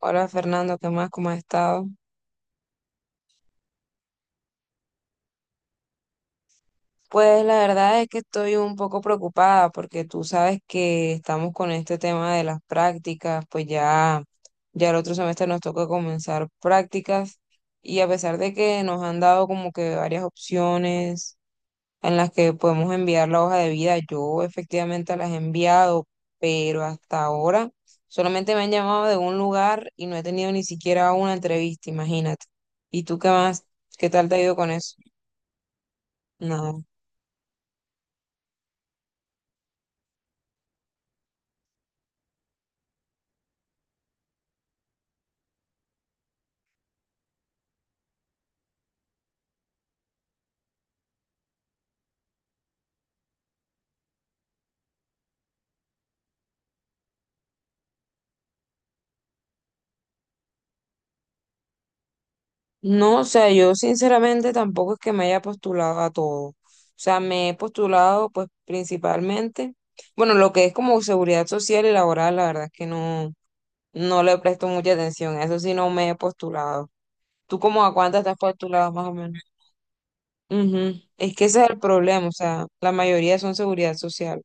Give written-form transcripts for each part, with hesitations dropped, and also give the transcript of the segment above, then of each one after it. Hola Fernando, ¿qué más? ¿Cómo has estado? Pues la verdad es que estoy un poco preocupada porque tú sabes que estamos con este tema de las prácticas, pues ya el otro semestre nos toca comenzar prácticas y a pesar de que nos han dado como que varias opciones en las que podemos enviar la hoja de vida, yo efectivamente las he enviado, pero hasta ahora solamente me han llamado de un lugar y no he tenido ni siquiera una entrevista, imagínate. ¿Y tú qué más? ¿Qué tal te ha ido con eso? No, no, o sea, yo sinceramente tampoco es que me haya postulado a todo. O sea, me he postulado pues principalmente, bueno, lo que es como seguridad social y laboral, la verdad es que no, no le presto mucha atención, a eso sí no me he postulado. ¿Tú como a cuántas te has postulado más o menos? Ujú. Es que ese es el problema, o sea, la mayoría son seguridad social.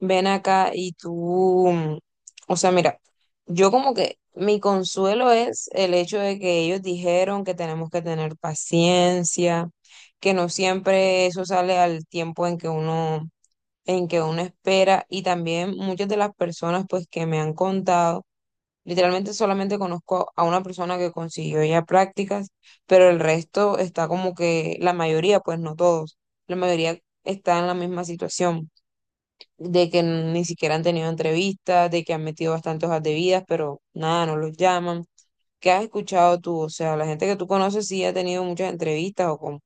Ven acá y tú, o sea, mira, yo como que mi consuelo es el hecho de que ellos dijeron que tenemos que tener paciencia, que no siempre eso sale al tiempo en que uno espera y también muchas de las personas pues que me han contado, literalmente solamente conozco a una persona que consiguió ya prácticas, pero el resto está como que la mayoría, pues no todos, la mayoría está en la misma situación de que ni siquiera han tenido entrevistas, de que han metido bastantes hojas de vidas, pero nada, no los llaman. ¿Qué has escuchado tú? O sea, la gente que tú conoces sí ha tenido muchas entrevistas o con...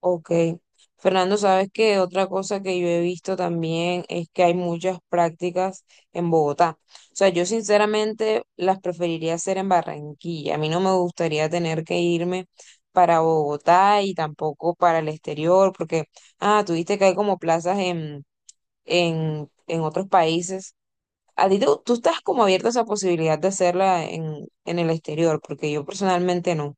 Ok. Fernando, ¿sabes que otra cosa que yo he visto también es que hay muchas prácticas en Bogotá? O sea, yo sinceramente las preferiría hacer en Barranquilla. A mí no me gustaría tener que irme para Bogotá y tampoco para el exterior, porque, ah, tuviste que hay como plazas en en otros países. Tú estás como abierta a esa posibilidad de hacerla en el exterior, porque yo personalmente no.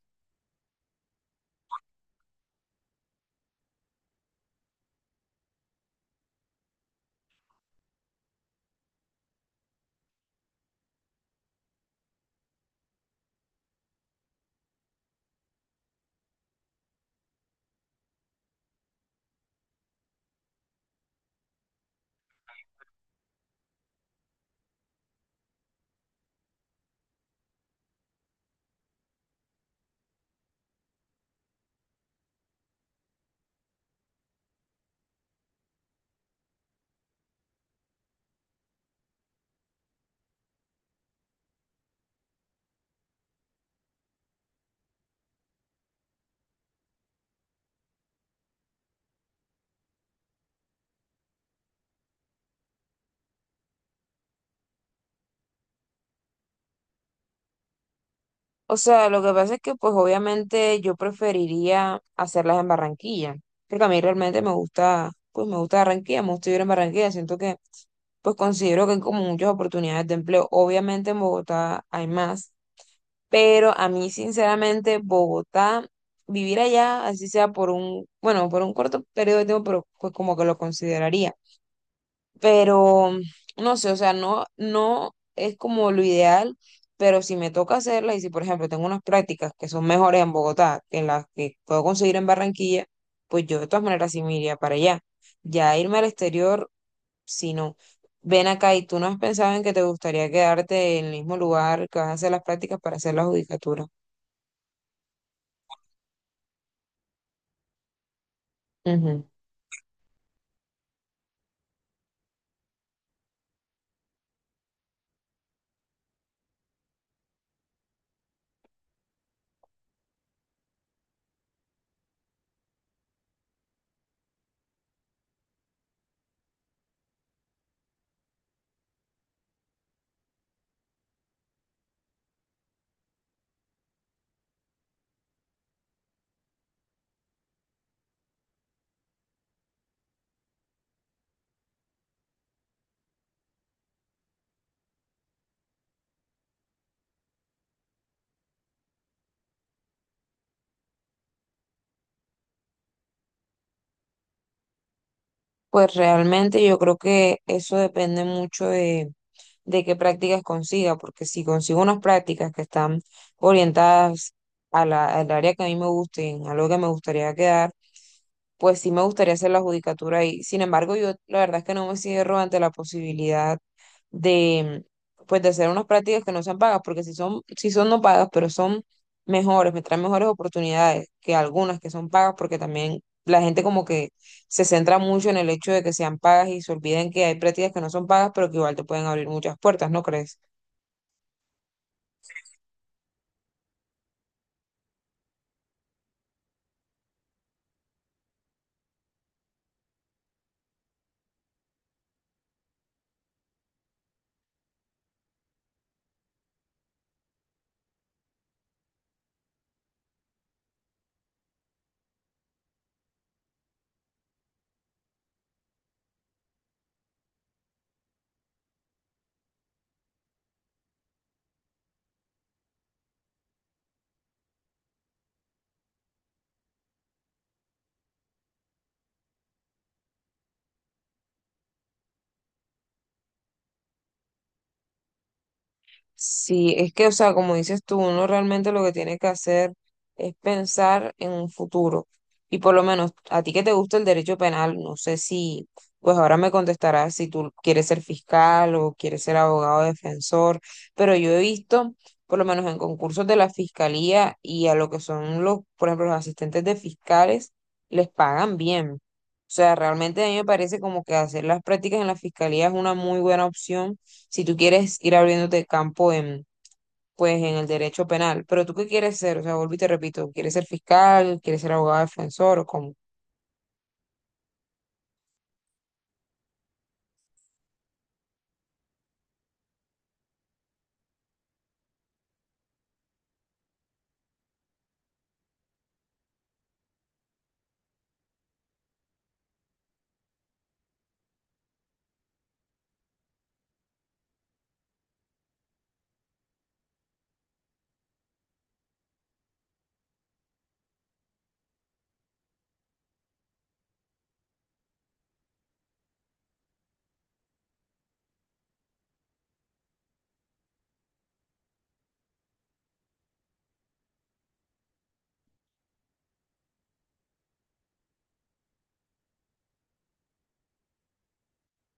O sea, lo que pasa es que pues obviamente yo preferiría hacerlas en Barranquilla, porque a mí realmente me gusta, pues me gusta Barranquilla, me gusta vivir en Barranquilla, siento que pues considero que hay como muchas oportunidades de empleo. Obviamente en Bogotá hay más, pero a mí sinceramente Bogotá, vivir allá, así sea por un, bueno, por un corto periodo de tiempo, pero pues como que lo consideraría, pero no sé, o sea, no, no es como lo ideal, pero si me toca hacerlas y si, por ejemplo, tengo unas prácticas que son mejores en Bogotá que en las que puedo conseguir en Barranquilla, pues yo de todas maneras sí me iría para allá. Ya irme al exterior, si no. Ven acá y tú no has pensado en que te gustaría quedarte en el mismo lugar que vas a hacer las prácticas para hacer la judicatura. Ujú. Pues realmente yo creo que eso depende mucho de qué prácticas consiga, porque si consigo unas prácticas que están orientadas a la, al área que a mí me gusten, a lo que me gustaría quedar, pues sí me gustaría hacer la judicatura ahí. Sin embargo, yo la verdad es que no me cierro ante la posibilidad de, pues, de hacer unas prácticas que no sean pagas, porque si son no pagas, pero son mejores, me traen mejores oportunidades que algunas que son pagas, porque también la gente como que se centra mucho en el hecho de que sean pagas y se olviden que hay prácticas que no son pagas, pero que igual te pueden abrir muchas puertas, ¿no crees? Sí, es que, o sea, como dices tú, uno realmente lo que tiene que hacer es pensar en un futuro. Y por lo menos a ti que te gusta el derecho penal, no sé si, pues ahora me contestarás si tú quieres ser fiscal o quieres ser abogado defensor, pero yo he visto, por lo menos en concursos de la fiscalía y a lo que son los, por ejemplo, los asistentes de fiscales, les pagan bien. O sea, realmente a mí me parece como que hacer las prácticas en la fiscalía es una muy buena opción si tú quieres ir abriéndote campo en, pues, en el derecho penal. Pero tú qué quieres ser, o sea, vuelvo y te repito, ¿quieres ser fiscal? ¿Quieres ser abogado defensor o cómo?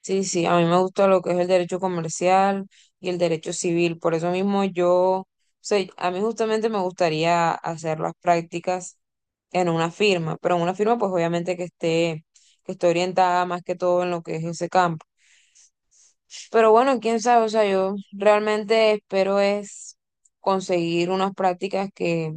Sí, sí, a mí me gusta lo que es el derecho comercial y el derecho civil. Por eso mismo yo, o sea, a mí justamente me gustaría hacer las prácticas en una firma, pero en una firma pues obviamente que esté orientada más que todo en lo que es ese campo. Pero bueno, quién sabe, o sea, yo realmente espero es conseguir unas prácticas que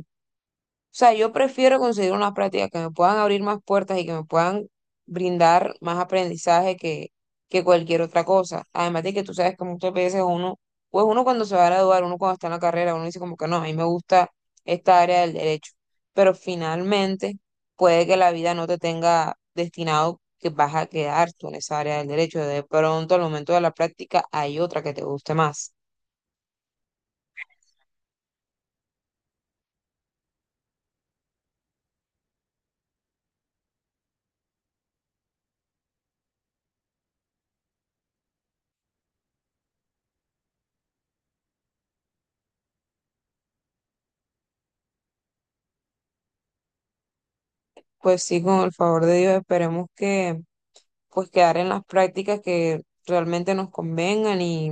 o sea, yo prefiero conseguir unas prácticas que me puedan abrir más puertas y que me puedan brindar más aprendizaje que cualquier otra cosa. Además de que tú sabes que muchas veces uno, pues uno cuando se va a graduar, uno cuando está en la carrera, uno dice como que no, a mí me gusta esta área del derecho. Pero finalmente puede que la vida no te tenga destinado que vas a quedar tú en esa área del derecho. De pronto, al momento de la práctica, hay otra que te guste más. Pues sí, con el favor de Dios, esperemos que pues quedar en las prácticas que realmente nos convengan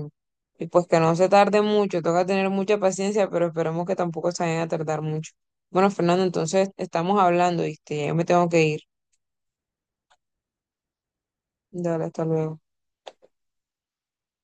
y pues que no se tarde mucho, toca tener mucha paciencia, pero esperemos que tampoco se vayan a tardar mucho. Bueno, Fernando, entonces estamos hablando, ¿viste? Ya me tengo que ir. Dale, hasta luego.